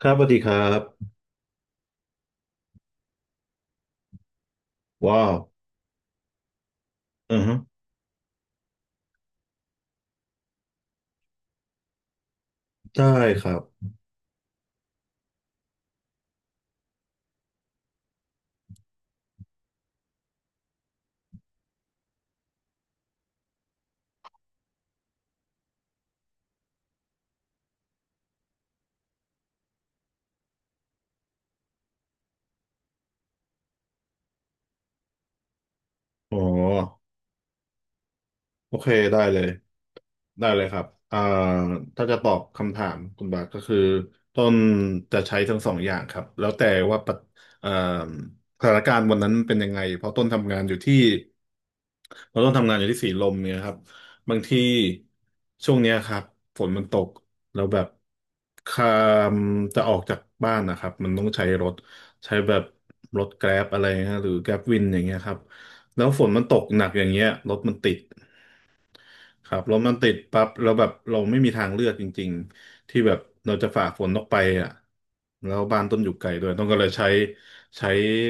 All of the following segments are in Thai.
ครับสวัสดีครับว้าวอือฮึได้ครับอ๋อโอเคได้เลย ได้เลยครับถ้าจะตอบคำถามคุณบาทก็คือต้นจะใช้ทั้งสองอย่างครับแล้วแต่ว่าปัจเอ่อสถานการณ์วันนั้นเป็นยังไงเพราะต้นทำงานอยู่ที่เราต้องทำงานอยู่ที่สีลมเนี่ยครับบางทีช่วงเนี้ยครับฝนมันตกแล้วแบบคามจะออกจากบ้านนะครับมันต้องใช้รถใช้แบบรถแกร็บอะไรนะหรือแกร็บวินอย่างเงี้ยครับแล้วฝนมันตกหนักอย่างเงี้ยรถมันติด ครับแล้วมันติดปั๊บแล้วแบบเราไม่มีทางเลือกจริงๆ ที่แบบเราจะฝ่าฝนออกไปอ่ะแล้วบ้านต้นอยู่ไกลด้วย ต้องก็เลยใช้ใช้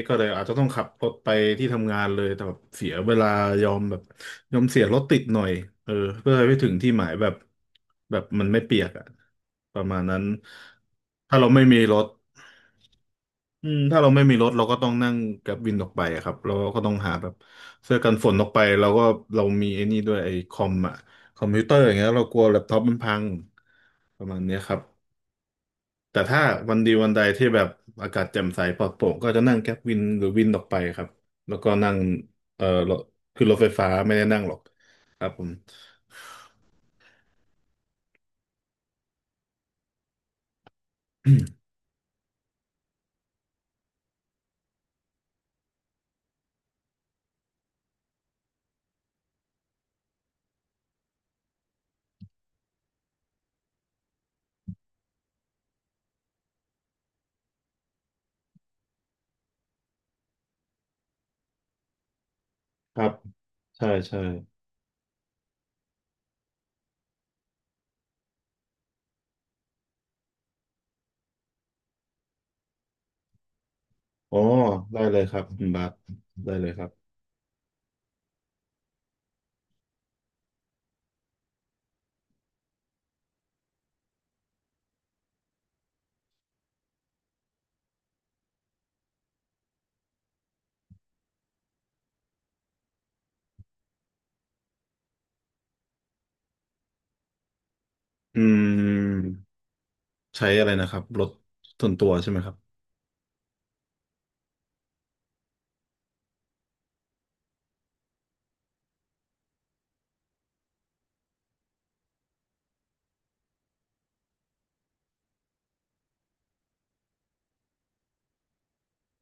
ก็เลยอาจจะต้องขับรถไปที่ทำงานเลยแต่แบบเสียเวลายอมแบบยอมเสียรถติดหน่อยเออเพื่อให้ไปถึงที่หมายแบบแบบมันไม่เปียกอ่ะประมาณนั้นถ้าเราไม่มีรถ อืมถ้าเราไม่มีรถเราก็ต้องนั่งแกร็บวินออกไปอะครับเราก็ต้องหาแบบเสื้อกันฝนออกไปเราก็เรามีไอ้นี่ด้วยไอ้คอมอะคอมพิวเตอร์อย่างเงี้ยเรากลัวแล็ปท็อปมันพังประมาณเนี้ยครับแต่ถ้าวันดีวันใดที่แบบอากาศแจ่มใสปลอดโปร่งก็จะนั่งแกร็บวินหรือวินออกไปครับแล้วก็นั่งเอ่อรถคือรถไฟฟ้าไม่ได้นั่งหรอกครับผม ครับใช่ใช่อ๋อได้เลยครับคุณบาสได้เลยครับอืม ใช้อะไรนะครับรถส่วนตัวใช่ไหมครับ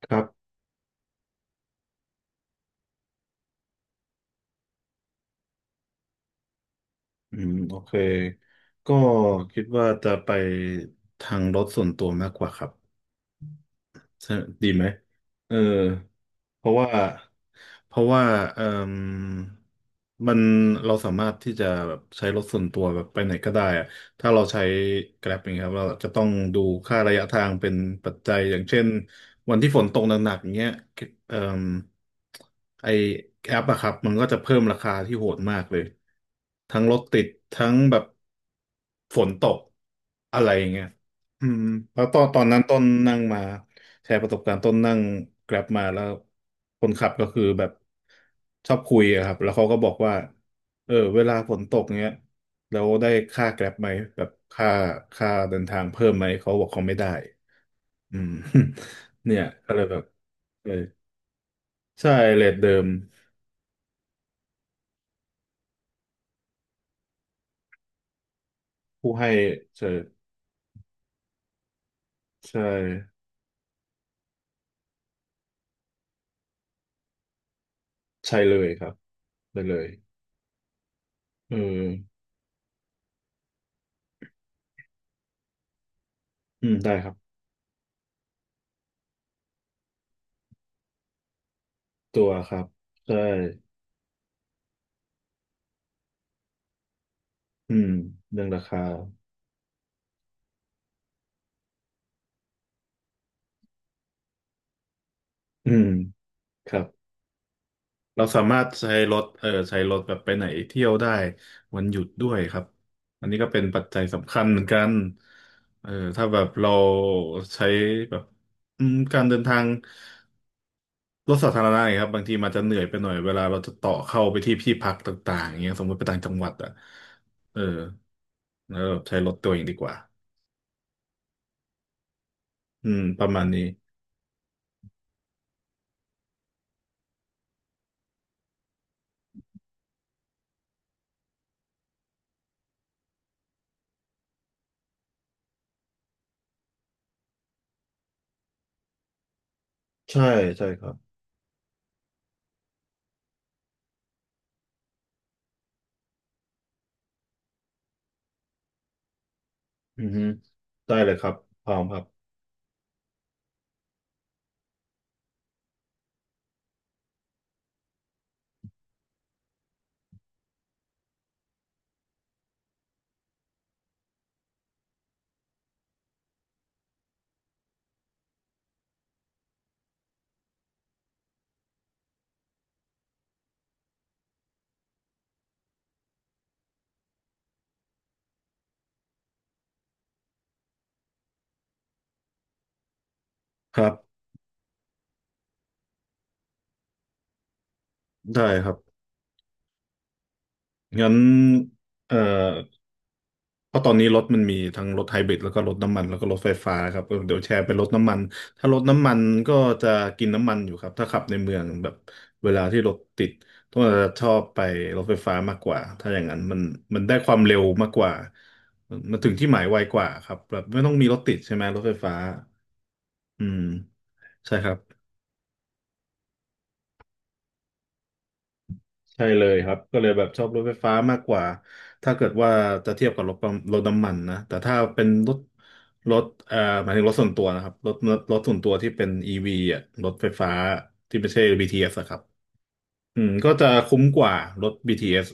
ครับอืมโอเคก็คิดว่าจะไปทางรถส่วนตัวมากกว่าครับใช่ดีไหมเออ เพราะว่าเพราะว่าเอ่มมันเราสามารถที่จะแบบใช้รถส่วนตัวแบบไปไหนก็ได้อะถ้าเราใช้ Grab อย่างเงี้ยครับเราจะต้องดูค่าระยะทางเป็นปัจจัยอย่างเช่นวันที่ฝนตกหนักๆอย่างเงี้ยเอ่มไอแอปอะครับมันก็จะเพิ่มราคาที่โหดมากเลยทั้งรถติดทั้งแบบฝนตกอะไรอย่างเงี้ยอืมแล้วตอนนั้นต้นนั่งมา แชร์ประสบการณ์ต้นนั่งแกร็บมาแล้วคนขับก็คือแบบชอบคุยอะครับแล้วเขาก็บอกว่าเออเวลาฝนตกเนี้ยแล้วได้ค่าแกร็บไหมแบบค่าเดินทางเพิ่มไหมเขาบอกเขาไม่ได้อืม เนี่ยก็เลยแบบเออใช่เรทเดิมผู้ให้ใช่ใช่ใช่เลยครับได้เลยเอออืมได้ครับตัวครับใช่อืมเรื่องราคาอืมครับ เราสามารถใช้รถใช้รถแบบไปไหนเที่ยวได้วันหยุดด้วยครับอันนี้ก็เป็นปัจจัยสำคัญเหมือนกันเออถ้าแบบเราใช้แบบอืมการเดินทางรถสาธารณะเนี่ยครับบางทีมันจะเหนื่อยไปหน่อยเวลาเราจะต่อเข้าไปที่ที่พักต่างๆอย่างเงี้ยสมมติไปต่างจังหวัดอ่ะเออแล้วใช้รถตัวเองดีกว่าอืมประมาณนี้ใช่ใช่ครับอือฮึได้เลยครับพร้อมครับครับได้ครับงั้นเอ่อ เพราะตอนนี้รถมันมีทั้งรถไฮบริดแล้วก็รถน้ำมันแล้วก็รถไฟฟ้าครับเออเดี๋ยวแชร์เป็นรถน้ำมันถ้ารถน้ำมันก็จะกินน้ำมันอยู่ครับถ้าขับในเมืองแบบเวลาที่รถติดต้องจะชอบไปรถไฟฟ้ามากกว่าถ้าอย่างนั้นมันได้ความเร็วมากกว่ามันถึงที่หมายไวกว่าครับแบบไม่ต้องมีรถติดใช่ไหมรถไฟฟ้าอืมใช่ครับ ใช่เลยครับก็เลยแบบชอบรถไฟฟ้ามากกว่าถ้าเกิดว่าจะเทียบกับรถปั๊มรถน้ำมันนะแต่ถ้าเป็นรถรถเอ่อหมายถึงรถส่วนตัวนะครับรถส่วนตัวที่เป็น EV อ่ะรถไฟฟ้าที่ไม่ใช่บีท t s อสอะครับอืมก็จะคุ้มกว่ารถบีท s เอส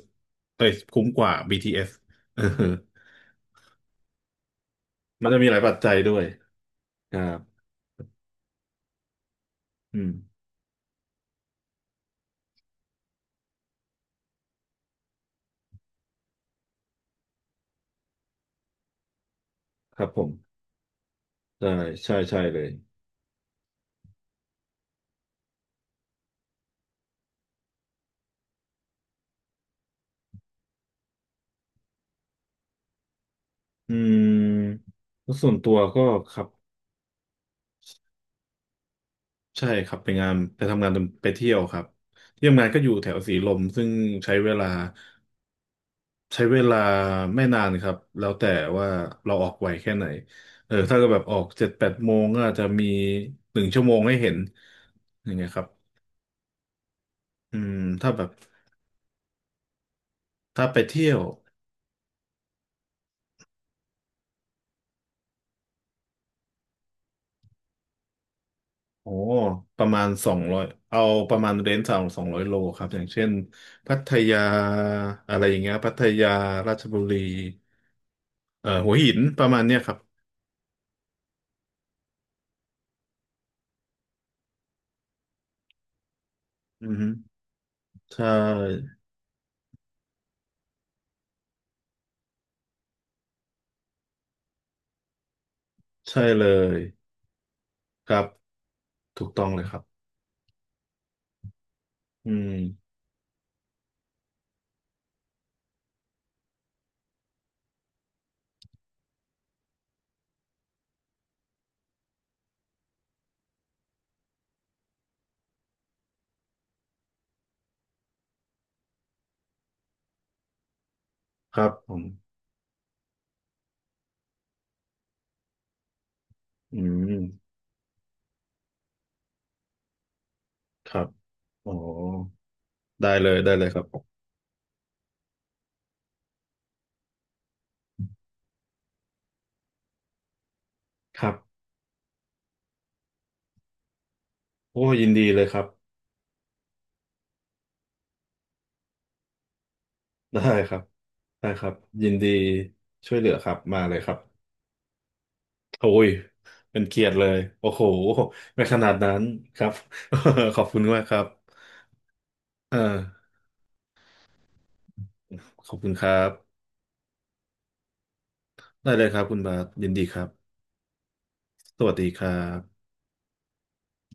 เอ้ยคุ้มกว่า BTS เอสเออ มันจะมีหลายปัจจัยด้วยครับอืมครับผมใช่ใช่ใช่เลยอืมแล้วส่วนตัวก็ครับ ใช่ครับไปงานไปทำงานไปเที่ยวครับที่ทำงานก็อยู่แถวสีลมซึ่งใช้เวลาใช้เวลาไม่นานครับแล้วแต่ว่าเราออกไวแค่ไหนเออถ้าก็แบบออก7-8 โมงก็อาจจะมี1 ชั่วโมงให้เห็นอย่างเงี้ยครับอืมถ้าแบบถ้าไปเที่ยวโอ้ประมาณสองร้อยเอาประมาณเรนจ์สาม200 โลครับอย่างเช่นพัทยาอะไรอย่างเงี้ยพัทยาราชบุรีหัวหินประมาณเนี้ยครับอือฮึใช่ ใช่เลยครับถูกต้องเลยครับอืมครับผมอืมครับอ๋อได้เลยได้เลยครับครับโอ้ยินดีเลยครับได้ครับได้ครับยินดีช่วยเหลือครับมาเลยครับโอ้ยเป็นเกียรติเลยโอ้โหไม่ขนาดนั้นครับ ขอบคุณมากครับเออขอบคุณครับได้เลยครับคุณบาทยินดีครับสวัสดีครับ